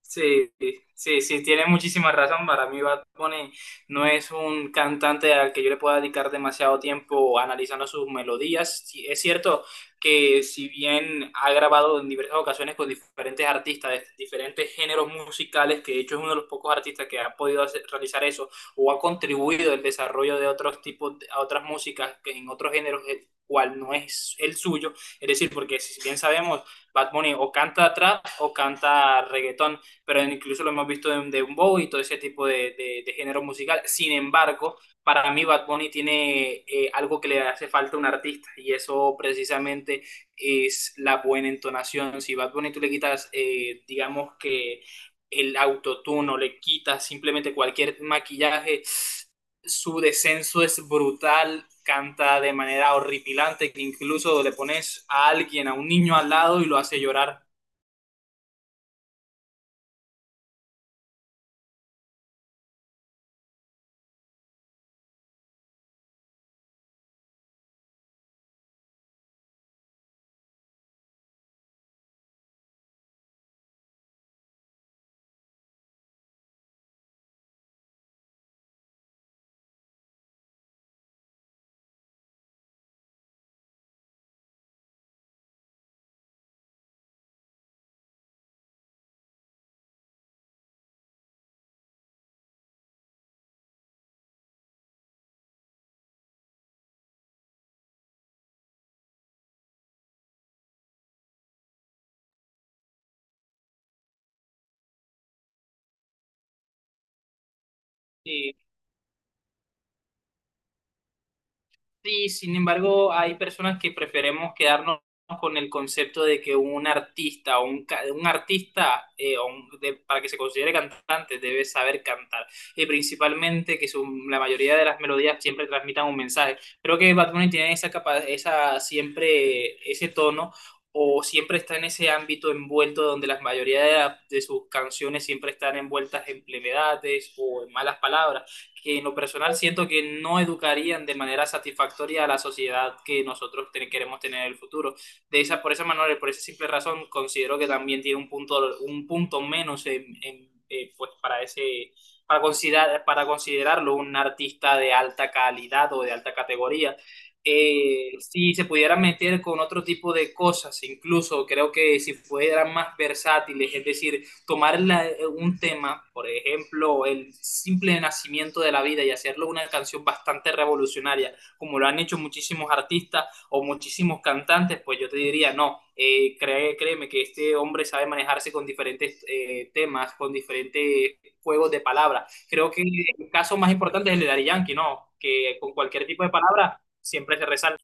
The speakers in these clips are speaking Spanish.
Sí, sí, sí, tiene muchísima razón. Para mí, Bad Bunny no es un cantante al que yo le pueda dedicar demasiado tiempo analizando sus melodías. Sí, es cierto que si bien ha grabado en diversas ocasiones con diferentes artistas de diferentes géneros musicales, que de hecho es uno de los pocos artistas que ha podido realizar eso o ha contribuido al desarrollo de otros tipos, a otras músicas que en otros géneros, el cual no es el suyo. Es decir, porque si bien sabemos... Bad Bunny o canta trap o canta reggaetón, pero incluso lo hemos visto en de un bow y todo ese tipo de, de, género musical. Sin embargo, para mí Bad Bunny tiene algo que le hace falta a un artista y eso precisamente es la buena entonación. Si Bad Bunny tú le quitas, digamos que el autotuno, le quitas simplemente cualquier maquillaje, su descenso es brutal, canta de manera horripilante, que incluso le pones a alguien, a un niño al lado y lo hace llorar. Sí, sí, sin embargo, hay personas que preferimos quedarnos con el concepto de que un artista o un artista para que se considere cantante debe saber cantar y principalmente que la mayoría de las melodías siempre transmitan un mensaje. Creo que Bad Bunny tiene esa siempre ese tono o siempre está en ese ámbito envuelto donde la mayoría de, de sus canciones siempre están envueltas en plevedades o en malas palabras que en lo personal siento que no educarían de manera satisfactoria a la sociedad que queremos tener en el futuro. Por esa manera, por esa simple razón, considero que también tiene un punto menos pues para considerarlo un artista de alta calidad o de alta categoría. Si se pudieran meter con otro tipo de cosas, incluso creo que si fueran más versátiles, es decir, tomar un tema, por ejemplo, el simple nacimiento de la vida y hacerlo una canción bastante revolucionaria, como lo han hecho muchísimos artistas o muchísimos cantantes, pues yo te diría, no, créeme que este hombre sabe manejarse con diferentes temas, con diferentes juegos de palabras. Creo que el caso más importante es el de Daddy Yankee, ¿no? Que con cualquier tipo de palabra siempre se resalta.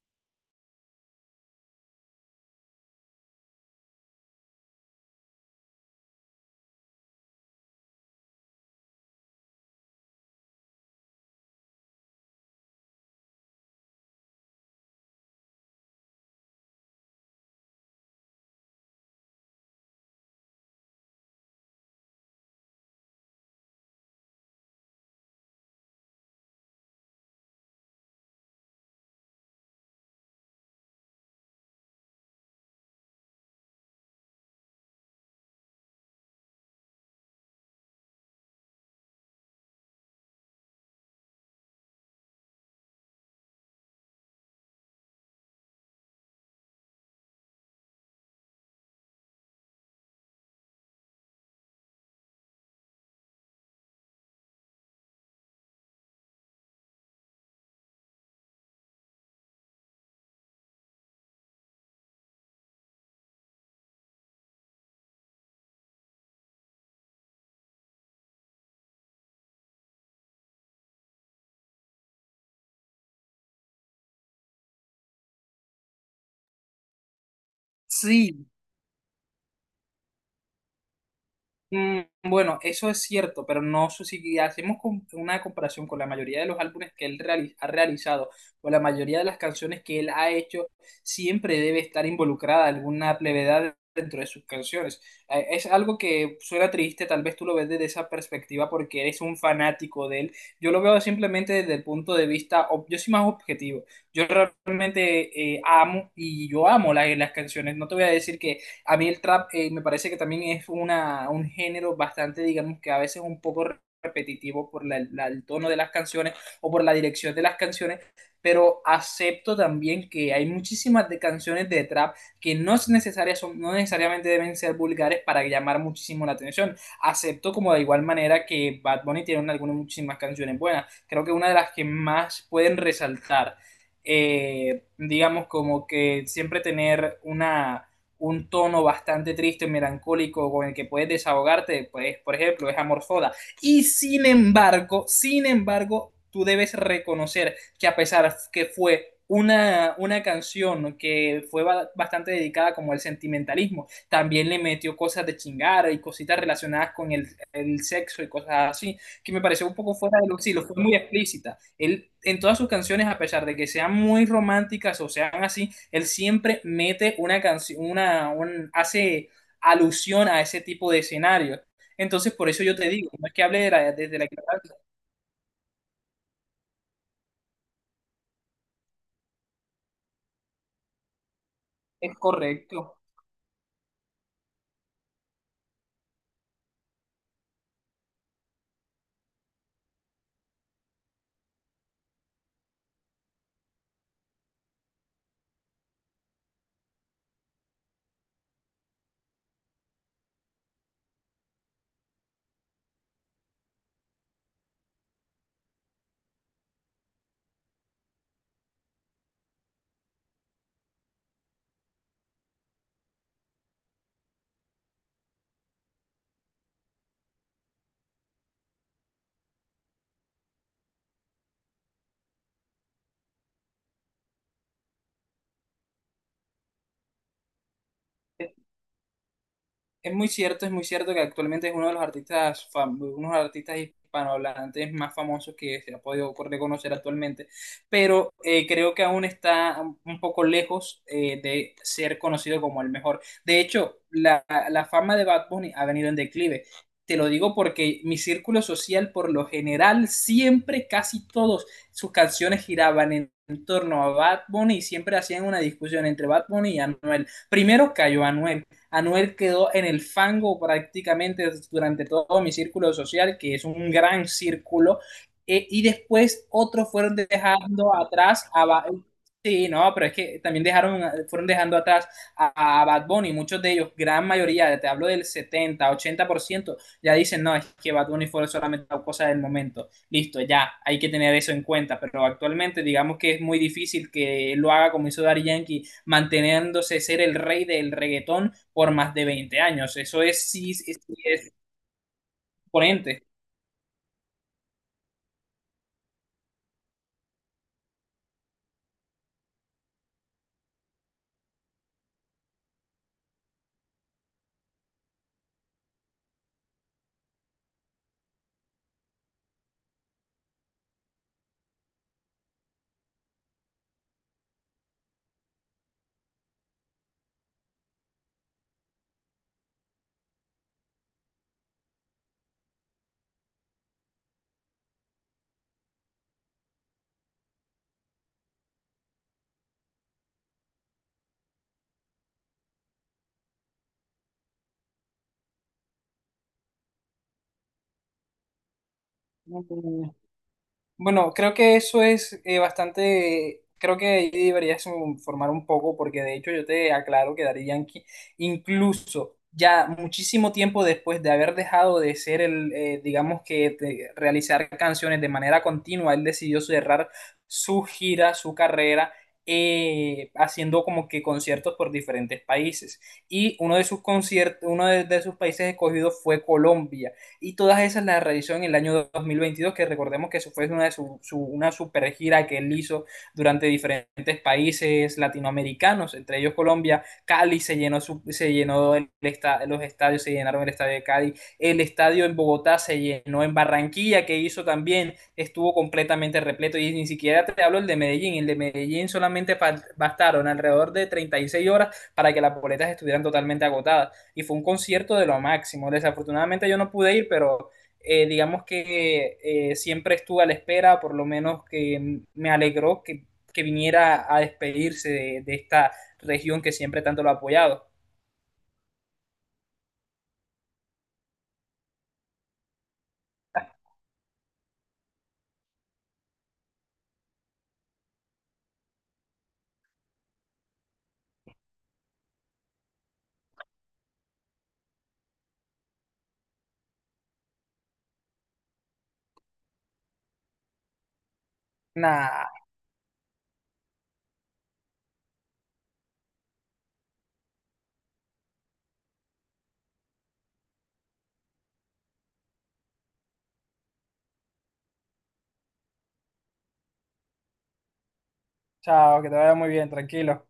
Sí. Mm. Bueno, eso es cierto, pero no sé si hacemos una comparación con la mayoría de los álbumes que ha realizado o la mayoría de las canciones que él ha hecho, siempre debe estar involucrada alguna plevedad dentro de sus canciones. Es algo que suena triste, tal vez tú lo ves desde esa perspectiva porque eres un fanático de él. Yo lo veo simplemente desde el punto de vista, yo soy más objetivo. Yo realmente amo y yo amo las canciones. No te voy a decir que a mí el trap me parece que también es un género bastante, digamos que a veces un poco repetitivo por el tono de las canciones o por la dirección de las canciones, pero acepto también que hay muchísimas de canciones de trap que no es necesaria, son, no necesariamente deben ser vulgares para llamar muchísimo la atención. Acepto como de igual manera que Bad Bunny tiene algunas muchísimas canciones buenas. Creo que una de las que más pueden resaltar, digamos como que siempre tener una un tono bastante triste, melancólico, con el que puedes desahogarte, pues, por ejemplo, es Amor Soda. Y sin embargo, tú debes reconocer que a pesar que fue una canción que fue bastante dedicada como al sentimentalismo, también le metió cosas de chingar y cositas relacionadas con el sexo y cosas así, que me pareció un poco fuera de lo sí, lo fue muy explícita. Él en todas sus canciones, a pesar de que sean muy románticas o sean así, él siempre mete una canción, hace alusión a ese tipo de escenario. Entonces, por eso yo te digo, no es que hable desde la ignorancia, es correcto. Es muy cierto que actualmente es uno de los artistas, unos artistas hispanohablantes más famosos que se ha podido reconocer actualmente, pero creo que aún está un poco lejos de ser conocido como el mejor. De hecho, la fama de Bad Bunny ha venido en declive. Te lo digo porque mi círculo social, por lo general, siempre, casi todos, sus canciones giraban en torno a Bad Bunny y siempre hacían una discusión entre Bad Bunny y Anuel. Primero cayó Anuel. Anuel quedó en el fango prácticamente durante todo mi círculo social, que es un gran círculo, y después otros fueron dejando atrás a... Sí, no, pero es que también dejaron, fueron dejando atrás a Bad Bunny, muchos de ellos, gran mayoría, te hablo del 70, 80%, ya dicen, no, es que Bad Bunny fue solamente una cosa del momento. Listo, ya, hay que tener eso en cuenta, pero actualmente digamos que es muy difícil que lo haga como hizo Daddy Yankee manteniéndose ser el rey del reggaetón por más de 20 años. Eso es, sí, sí, sí, es imponente. Mm. Bueno, creo que eso es bastante, creo que ahí deberías informar un poco porque de hecho yo te aclaro que Daddy Yankee, incluso ya muchísimo tiempo después de haber dejado de ser digamos que de realizar canciones de manera continua, él decidió cerrar su gira, su carrera, haciendo como que conciertos por diferentes países. Y uno de sus conciertos, uno de sus países escogidos fue Colombia y todas esas las realizó en el año 2022, que recordemos que eso fue una, de su, su, una super gira que él hizo durante diferentes países latinoamericanos, entre ellos Colombia. Cali se llenó, su, se llenó el esta, los estadios, se llenaron el estadio de Cali, el estadio en Bogotá se llenó, en Barranquilla, que hizo también, estuvo completamente repleto, y ni siquiera te hablo el de Medellín solamente bastaron alrededor de 36 horas para que las boletas estuvieran totalmente agotadas y fue un concierto de lo máximo. Desafortunadamente yo no pude ir, pero digamos que siempre estuve a la espera, por lo menos que me alegró que viniera a despedirse de, esta región que siempre tanto lo ha apoyado. Nah, chao, que te vaya muy bien, tranquilo.